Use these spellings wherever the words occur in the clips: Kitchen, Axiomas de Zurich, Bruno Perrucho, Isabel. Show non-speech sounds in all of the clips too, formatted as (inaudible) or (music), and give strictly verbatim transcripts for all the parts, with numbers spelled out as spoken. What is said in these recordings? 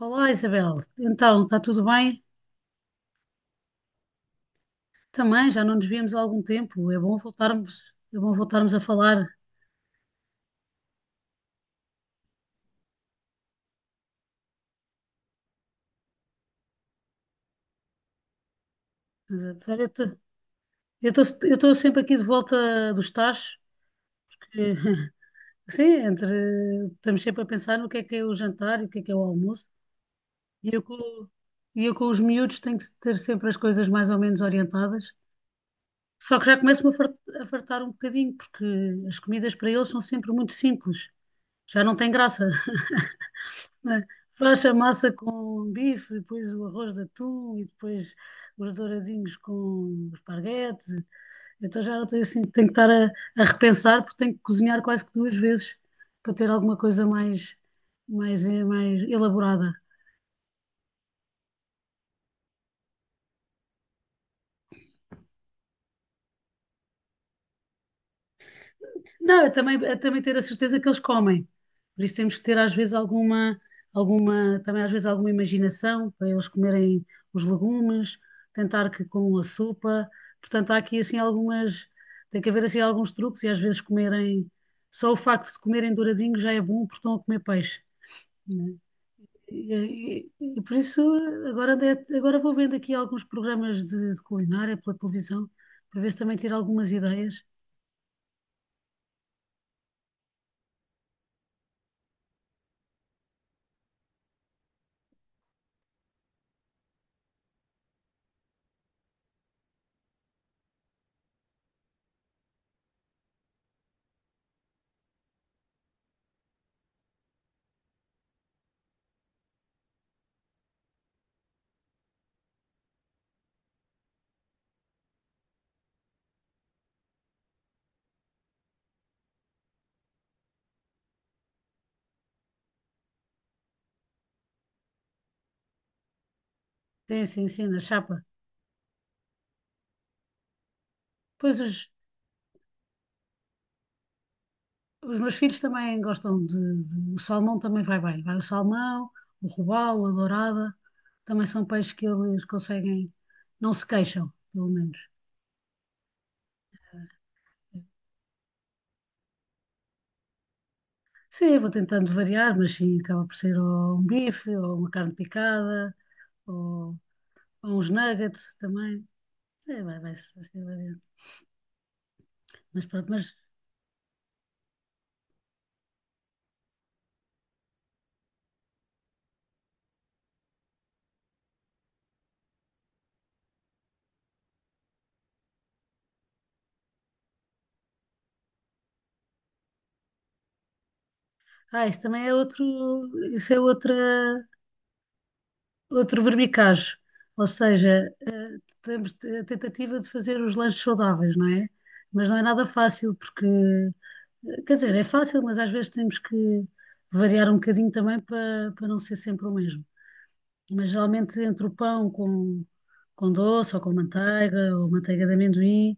Olá, Isabel. Então, está tudo bem? Também, já não nos víamos há algum tempo. É bom voltarmos, é bom voltarmos a falar. Mas, olha, Eu estou sempre aqui de volta dos tachos, porque (laughs) sim, entre, estamos sempre a pensar no que é que é o jantar e o que é que é o almoço. E eu com, e eu com os miúdos tenho que ter sempre as coisas mais ou menos orientadas. Só que já começo-me a fart- a fartar um bocadinho, porque as comidas para eles são sempre muito simples. Já não tem graça. (laughs) Né? Faz a massa com bife, depois o arroz de atum e depois os douradinhos com esparguete. Então já não tenho assim, tenho que estar a, a repensar, porque tenho que cozinhar quase que duas vezes para ter alguma coisa mais, mais, mais elaborada. Não, é também, é também ter a certeza que eles comem. Por isso temos que ter às vezes alguma, alguma, também às vezes alguma imaginação para eles comerem os legumes, tentar que com a sopa. Portanto, há aqui assim algumas, tem que haver assim alguns truques e às vezes comerem, só o facto de comerem douradinho já é bom porque estão a comer peixe, né? E, e- e por isso agora, andei a- agora vou vendo aqui alguns programas de, de culinária pela televisão para ver se também tiro algumas ideias. Sim, sim, sim, na chapa. Pois os, Os meus filhos também gostam, de, de- o salmão também vai bem. Vai o salmão, o robalo, a dourada. Também são peixes que eles conseguem. Não se queixam, pelo menos. Sim, vou tentando variar, mas sim, acaba por ser ou um bife, ou uma carne picada, ou, ou uns nuggets também. É, vai, vai ser assim variando. Mas pronto, mas. Ah, isso também é outro. Isso é outra, outro verbicajo. Ou seja, temos a tentativa de fazer os lanches saudáveis, não é? Mas não é nada fácil, porque, eh, quer dizer, é fácil, mas às vezes temos que variar um bocadinho também para, para não ser sempre o mesmo. Mas geralmente entre o pão com, com doce ou com manteiga ou manteiga de amendoim,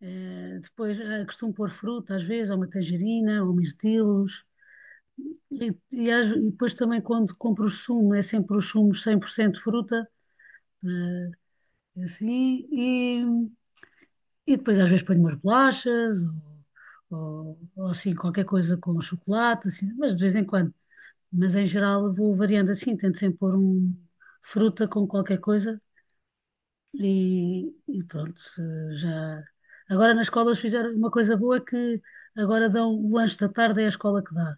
eh, depois eh, costumo pôr fruta às vezes, ou uma tangerina, ou mirtilos. E, e, às- e depois também quando compro o sumo, é sempre os sumos cem por cento fruta, eh, assim. E depois às vezes ponho umas bolachas ou, ou- ou, assim qualquer coisa com chocolate, assim, mas de vez em quando. Mas em geral vou variando assim, tento sempre pôr um fruta com qualquer coisa e, e pronto, eh, já. Agora nas escolas fizeram uma coisa boa, é que agora dão o lanche da tarde, é a escola que dá.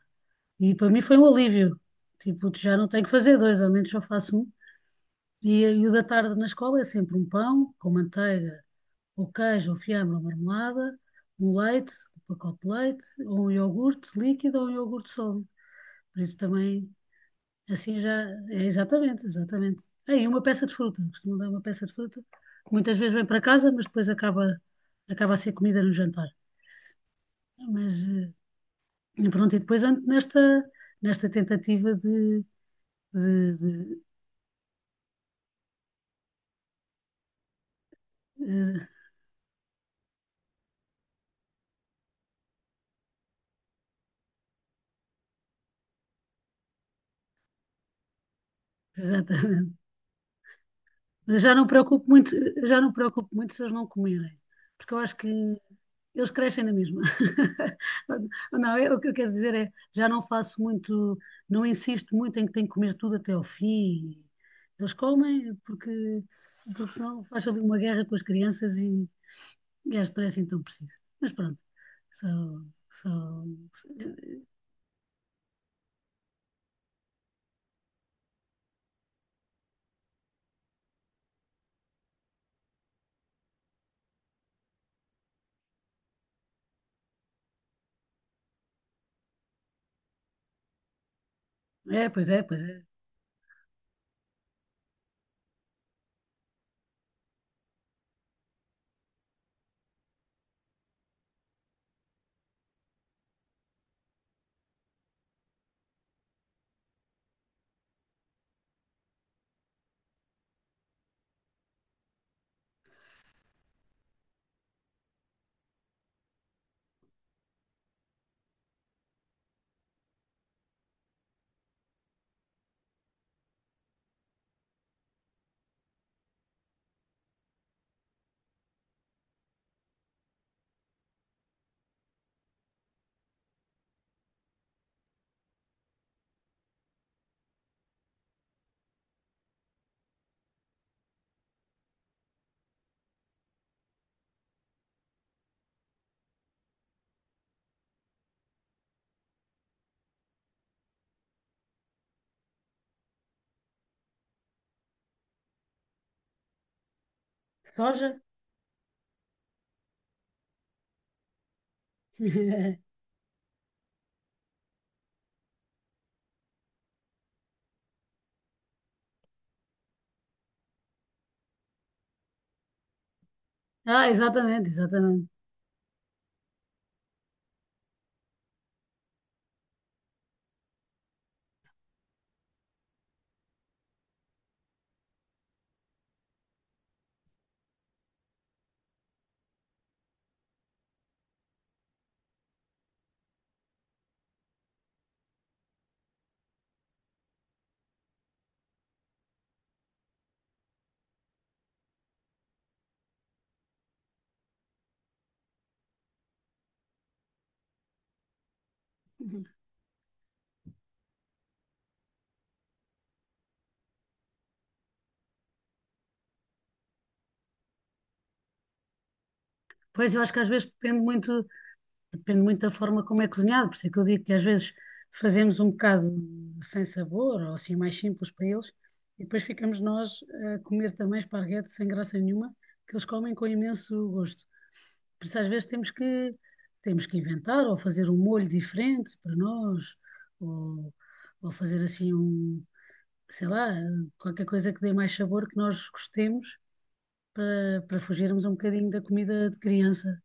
E para mim foi um alívio. Tipo, já não tenho que fazer dois, ao menos só faço um. E, e o da tarde na escola é sempre um pão com manteiga, ou queijo, ou fiambre, ou marmelada, um leite, um pacote de leite, ou um iogurte líquido ou um iogurte sólido. Por isso também, assim já, é exatamente, exatamente. É, e uma peça de fruta, costumam dar uma peça de fruta, que muitas vezes vem para casa, mas depois acaba, acaba a ser comida no jantar. Mas, eh, e pronto, e depois ando nesta, nesta tentativa de, de, de, eh, (laughs) Exatamente. Mas já não preocupo muito, já não preocupo muito se eles não comerem, porque eu acho que eles crescem na mesma. (laughs) Não, eu, o que eu quero dizer é, já não faço muito, não insisto muito em que têm que comer tudo até ao fim. Eles comem, porque, porque senão faz ali uma guerra com as crianças, e, e acho que não é assim tão preciso. Mas pronto, só, só, é, pois é, pois é. Soja? (laughs) Ah, exatamente, exatamente. Pois eu acho que às vezes depende muito. Depende muito da forma como é cozinhado, por isso é que eu digo que às vezes fazemos um bocado sem sabor, ou assim mais simples para eles, e depois ficamos nós a comer também esparguete sem graça nenhuma, que eles comem com imenso gosto. Por isso às vezes temos que, temos que inventar, ou fazer um molho diferente para nós, ou ou fazer assim um, sei lá, qualquer coisa que dê mais sabor que nós gostemos, para, para fugirmos um bocadinho da comida de criança.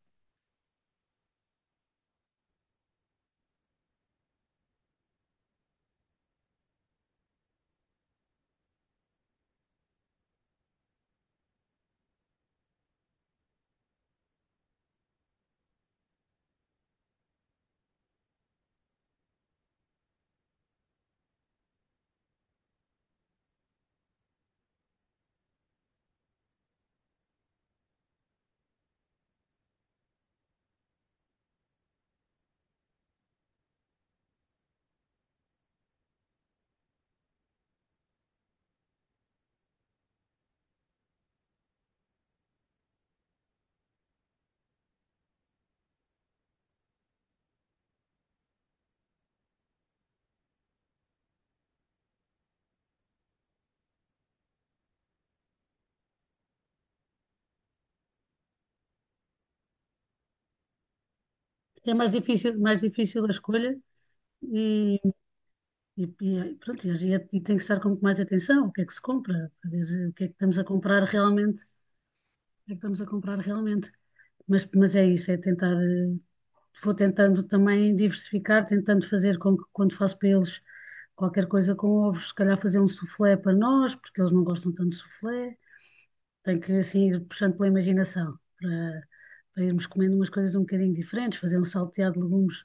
É mais difícil, mais difícil a escolha, e. E, e, pronto, e, a gente- e tem que estar com mais atenção o que é que se compra, para ver o que é que estamos a comprar realmente, o que é que estamos a comprar realmente. Mas, mas é isso, é tentar, eh, vou tentando também diversificar, tentando fazer com que quando faço para eles qualquer coisa com ovos, se calhar fazer um soufflé para nós, porque eles não gostam tanto de soufflé, tem que assim ir puxando pela imaginação, para, para irmos comendo umas coisas um bocadinho diferentes, fazer um salteado de legumes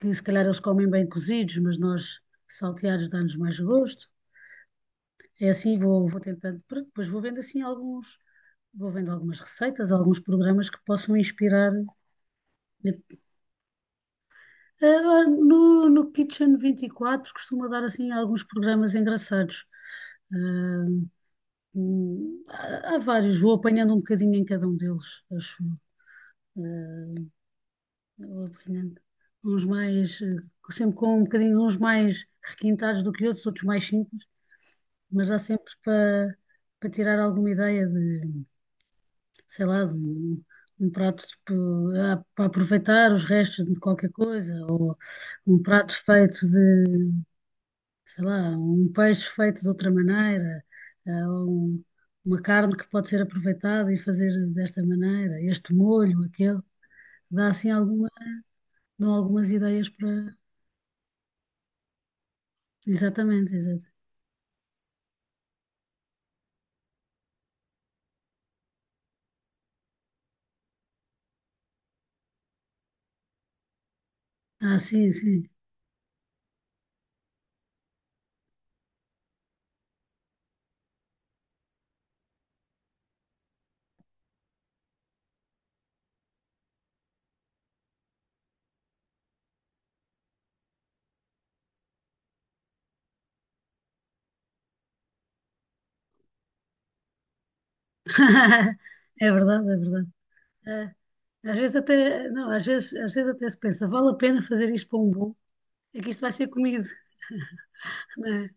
que se calhar eles comem bem cozidos, mas nós salteados dá-nos mais gosto. É assim, vou, vou tentando, pronto, depois vou vendo assim alguns, vou vendo algumas receitas, alguns programas que possam inspirar. Ah, No, no Kitchen vinte e quatro costuma dar assim alguns programas engraçados. Ah, hum, há, há vários, vou apanhando um bocadinho em cada um deles, acho eu. Ah, vou apanhando uns mais, eh, sempre com um bocadinho uns mais requintados do que outros, outros mais simples, mas há sempre para para tirar alguma ideia de, sei lá, de um, um prato tipo, ah, para aproveitar os restos de qualquer coisa, ou um prato feito de, sei lá, um peixe feito de outra maneira, ah, ou um- uma carne que pode ser aproveitada e fazer desta maneira, este molho, aquele, dá assim alguma, dão algumas ideias para. Exatamente, exato. Ah, sim, sim. (laughs) É verdade, é verdade. É. Às vezes até, não, às vezes, às vezes até se pensa, vale a pena fazer isto para um bolo? É que isto vai ser comido. É,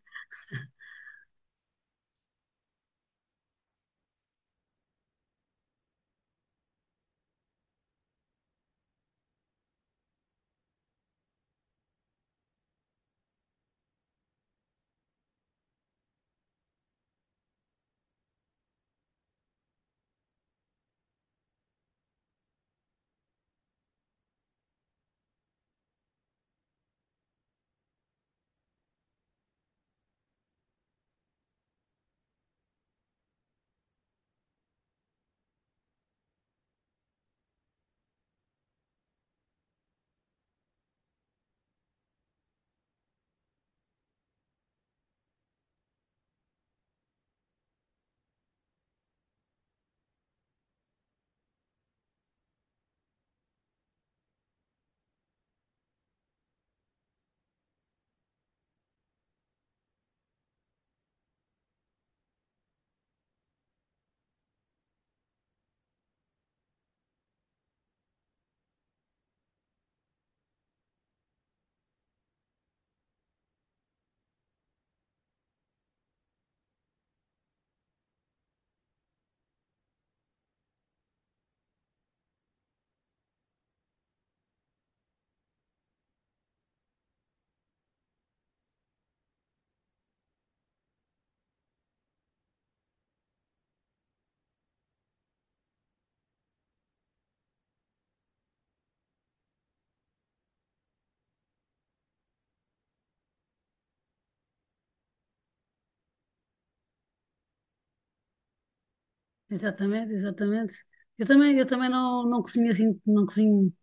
exatamente, exatamente. Eu também, eu também não, não cozinho assim, não cozinho,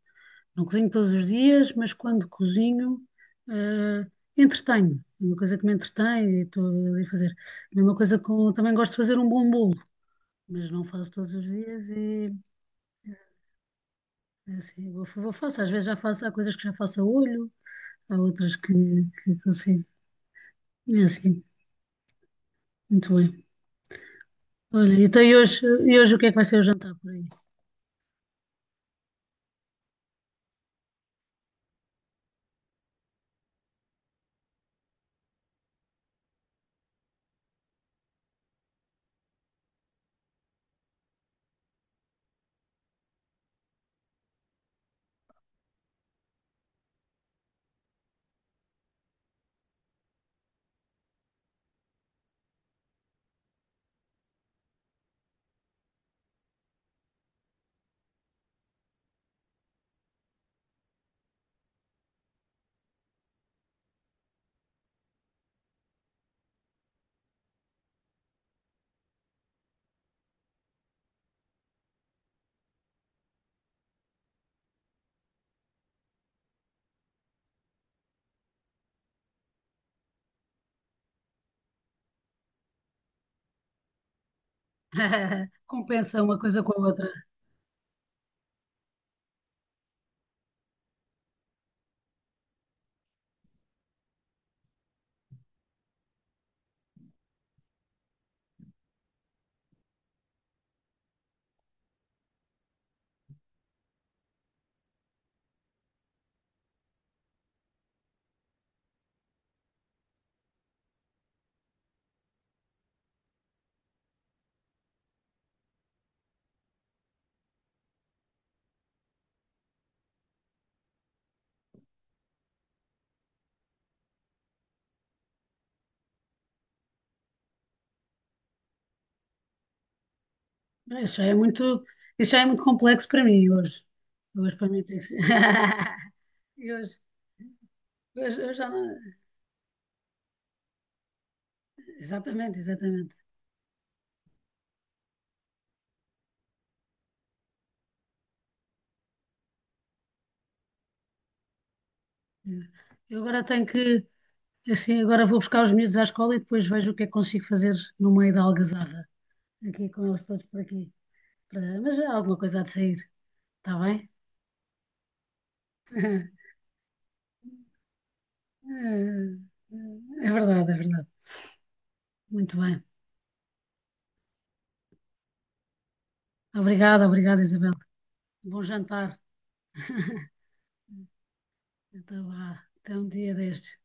não cozinho todos os dias, mas quando cozinho, eh, entretenho. É uma coisa que me entretém e estou ali a fazer. Mesma coisa com, também gosto de fazer um bom bolo, mas não faço todos os dias. E é assim, vou, vou faço. Às vezes já faço, há coisas que já faço a olho, há outras que, que consigo. É assim, muito bem. Olha, então e hoje, e hoje, o que é que vai ser o jantar por aí? (laughs) Compensa uma coisa com a outra. Ah, Isso já é muito, isso já é muito complexo para mim hoje. Hoje para mim tem que ser. (laughs) E Hoje, hoje, hoje já não é. Exatamente, exatamente. É. Eu agora tenho que, assim, agora vou buscar os miúdos à escola e depois vejo o que é que consigo fazer no meio da algazarra, aqui com eles todos por aqui. Para- Mas há alguma coisa, há de sair, está bem? (laughs) É verdade, é verdade. Muito bem. Obrigada, obrigada, Isabel. Bom jantar. (laughs) Então vá, até um dia destes.